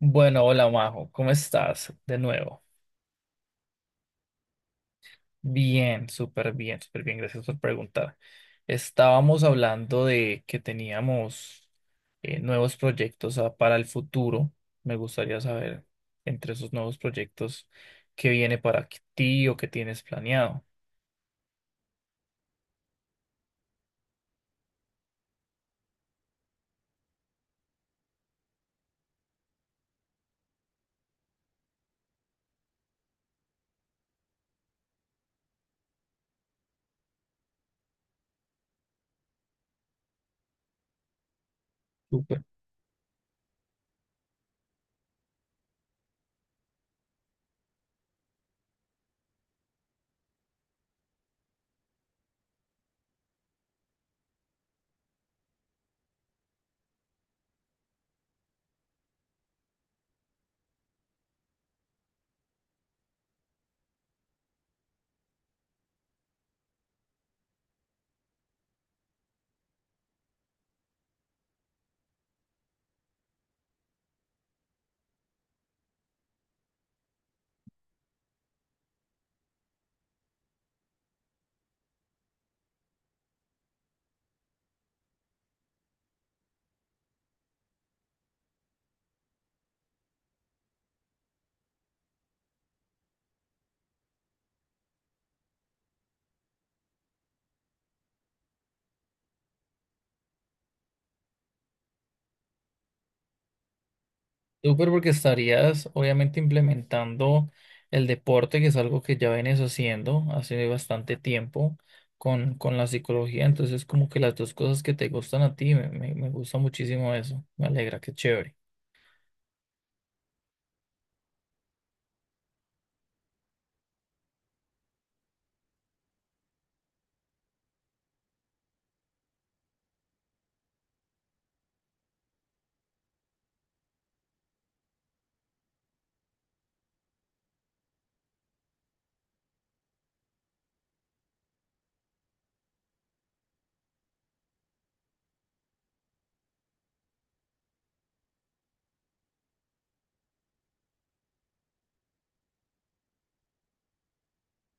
Bueno, hola Majo, ¿cómo estás? De nuevo. Bien, súper bien, súper bien, gracias por preguntar. Estábamos hablando de que teníamos nuevos proyectos para el futuro. Me gustaría saber entre esos nuevos proyectos qué viene para ti o qué tienes planeado. Súper porque estarías obviamente implementando el deporte, que es algo que ya vienes haciendo hace bastante tiempo con la psicología. Entonces, como que las dos cosas que te gustan a ti, me gusta muchísimo eso. Me alegra, qué chévere.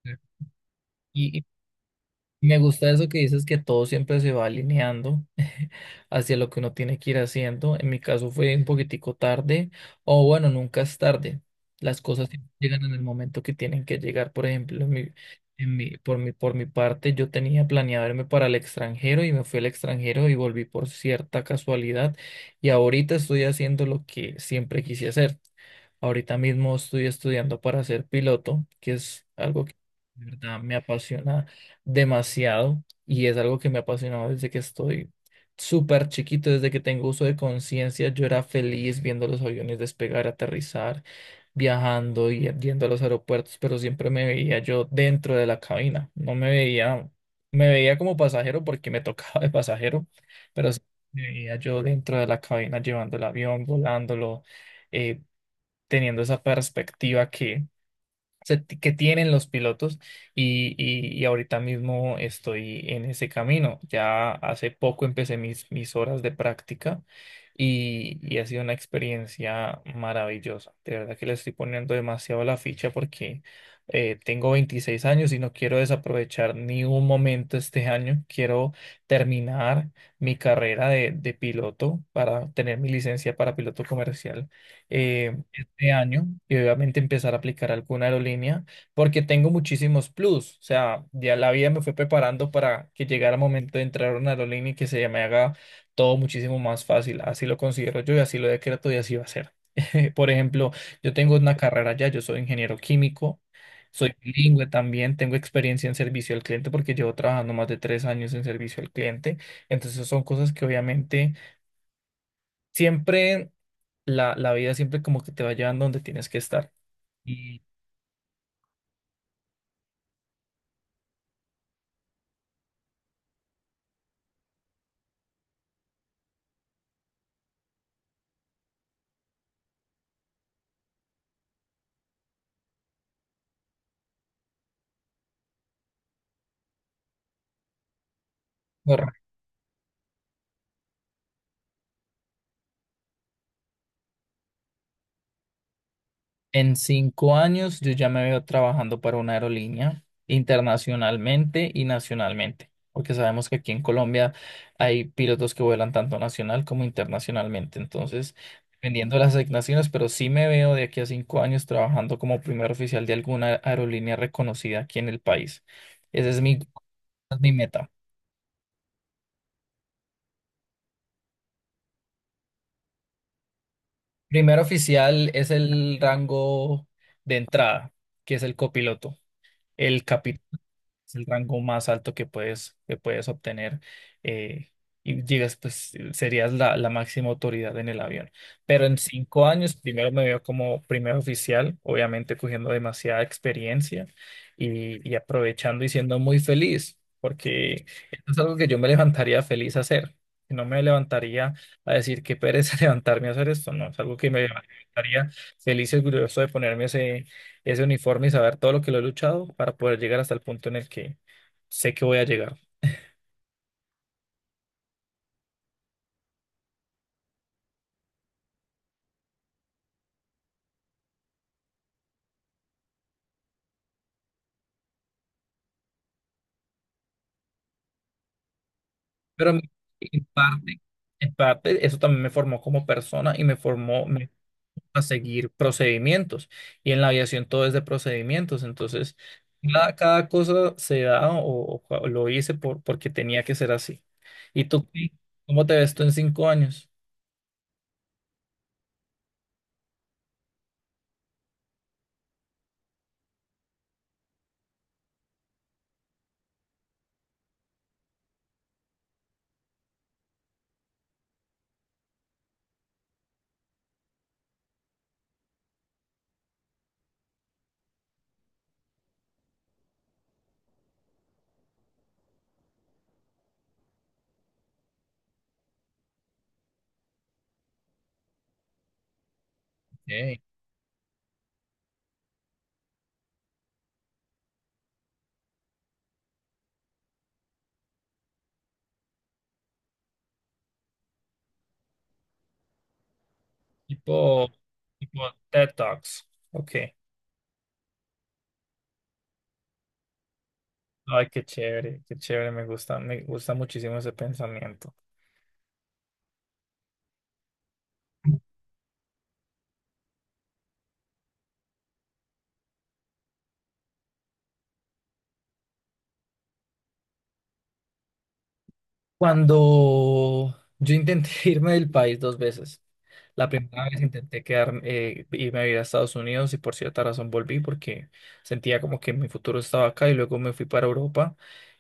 Sí. Y, me gusta eso que dices que todo siempre se va alineando hacia lo que uno tiene que ir haciendo. En mi caso fue un poquitico tarde, o bueno, nunca es tarde. Las cosas siempre llegan en el momento que tienen que llegar. Por ejemplo, en mi- por mi, por mi parte, yo tenía planeado irme para el extranjero y me fui al extranjero y volví por cierta casualidad. Y ahorita estoy haciendo lo que siempre quise hacer. Ahorita mismo estoy estudiando para ser piloto, que es algo que de verdad me apasiona demasiado y es algo que me ha apasionado desde que estoy súper chiquito, desde que tengo uso de conciencia. Yo era feliz viendo los aviones despegar, aterrizar, viajando y yendo a los aeropuertos, pero siempre me veía yo dentro de la cabina. No me veía, me veía como pasajero porque me tocaba de pasajero, pero sí me veía yo dentro de la cabina llevando el avión, volándolo, eh, teniendo esa perspectiva que que tienen los pilotos y ahorita mismo estoy en ese camino. Ya hace poco empecé mis horas de práctica y ha sido una experiencia maravillosa. De verdad que le estoy poniendo demasiado la ficha porque tengo 26 años y no quiero desaprovechar ni un momento este año. Quiero terminar mi carrera de piloto para tener mi licencia para piloto comercial. eh, de año y obviamente empezar a aplicar alguna aerolínea porque tengo muchísimos plus. O sea, ya la vida me fue preparando para que llegara el momento de entrar a una aerolínea y que se me haga todo muchísimo más fácil. Así lo considero yo y así lo decreto y así va a ser. Por ejemplo, yo tengo una carrera ya, yo soy ingeniero químico. Soy bilingüe también, tengo experiencia en servicio al cliente porque llevo trabajando más de 3 años en servicio al cliente. Entonces son cosas que obviamente siempre la vida siempre como que te va llevando donde tienes que estar. Y corre- en cinco años yo ya me veo trabajando para una aerolínea internacionalmente y nacionalmente, porque sabemos que aquí en Colombia hay pilotos que vuelan tanto nacional como internacionalmente. Entonces, dependiendo de las asignaciones, pero sí me veo de aquí a cinco años trabajando como primer oficial de alguna aerolínea reconocida aquí en el país. Esa es mi meta. Primer oficial es el rango de entrada, que es el copiloto. El capitán es el rango más alto que puedes obtener eh, y llegas, pues serías la máxima autoridad en el avión. Pero en cinco años, primero me veo como primer oficial, obviamente cogiendo demasiada experiencia y aprovechando y siendo muy feliz, porque esto es algo que yo me levantaría feliz a hacer. No me levantaría a decir qué pereza levantarme a hacer esto, no, es algo que me levantaría feliz y orgulloso de ponerme ese uniforme y saber todo lo que lo he luchado para poder llegar hasta el punto en el que sé que voy a llegar. Pero en en parte, en parte, eso también me formó como persona y a seguir procedimientos. Y en la aviación todo es de procedimientos. Entonces, cada cosa se da o lo hice porque tenía que ser así. ¿Y tú, Pi, cómo te ves tú en cinco años? Ok. Tipo, tipo TED Talks. Ok. Ay, qué chévere, me gusta muchísimo ese pensamiento. Cuando yo intenté irme del país dos veces, la primera vez intenté quedarme, irme a vivir a Estados Unidos y por cierta razón volví porque sentía como que mi futuro estaba acá y luego me fui para Europa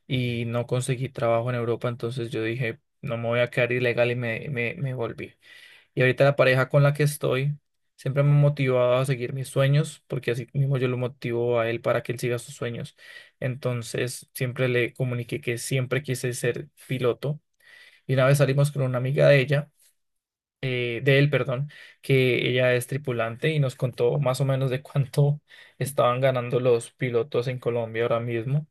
y no conseguí trabajo en Europa, entonces yo dije, no me voy a quedar ilegal y me volví. Y ahorita la pareja con la que estoy siempre me ha motivado a seguir mis sueños, porque así mismo yo lo motivo a él para que él siga sus sueños. Entonces siempre le comuniqué que siempre quise ser piloto. Y una vez salimos con una amiga de ella, de él, perdón, que ella es tripulante y nos contó más o menos de cuánto estaban ganando los pilotos en Colombia ahora mismo.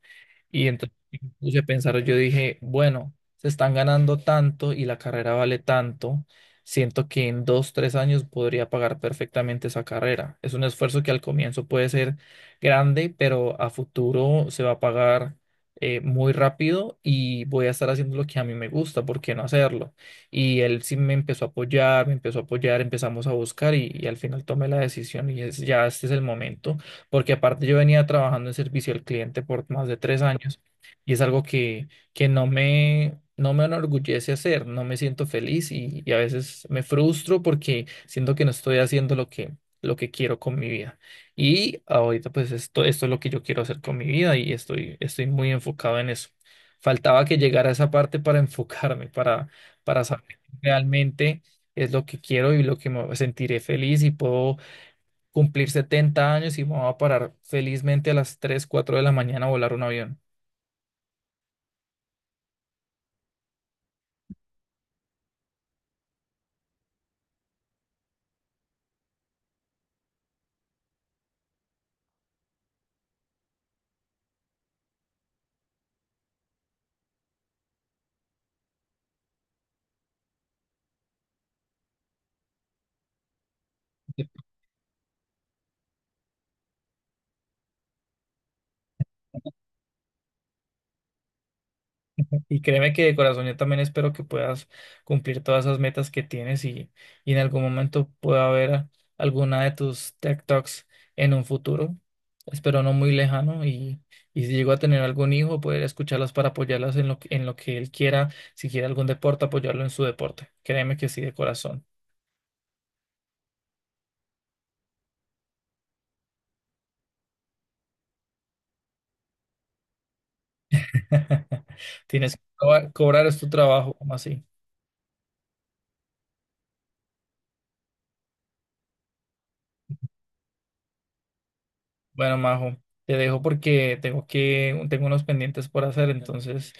Y entonces me puse a pensar, yo dije, bueno, se están ganando tanto y la carrera vale tanto. Siento que en dos, 3 años podría pagar perfectamente esa carrera. Es un esfuerzo que al comienzo puede ser grande, pero a futuro se va a pagar muy rápido y voy a estar haciendo lo que a mí me gusta, ¿por qué no hacerlo? Y él sí me empezó a apoyar, me empezó a apoyar, empezamos a buscar y al final tomé la decisión y es, ya este es el momento porque aparte yo venía trabajando en servicio al cliente por más de tres años y es algo que no me, no me enorgullece hacer, no me siento feliz y a veces me frustro porque siento que no estoy haciendo lo que quiero con mi vida. Y ahorita pues esto es lo que yo quiero hacer con mi vida y estoy, estoy muy enfocado en eso. Faltaba que llegara a esa parte para enfocarme, para saber realmente es lo que quiero y lo que me sentiré feliz y puedo cumplir 70 años y vamos a parar felizmente a las 3 4 de la mañana a volar un avión. Y créeme que de corazón yo también espero que puedas cumplir todas esas metas que tienes y en algún momento pueda haber alguna de tus tech Talks en un futuro. Espero no muy lejano y si llego a tener algún hijo, poder escucharlas para apoyarlas en en lo que él quiera, si quiere algún deporte, apoyarlo en su deporte. Créeme que sí, de corazón. Tienes que cobrar, es tu trabajo, como así. Bueno, Majo, te dejo porque tengo que, tengo unos pendientes por hacer, entonces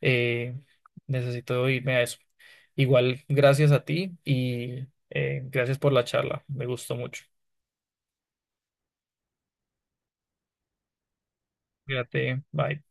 eh, necesito irme a eso. Igual, gracias a ti y gracias por la charla. Me gustó mucho. Cuídate, bye.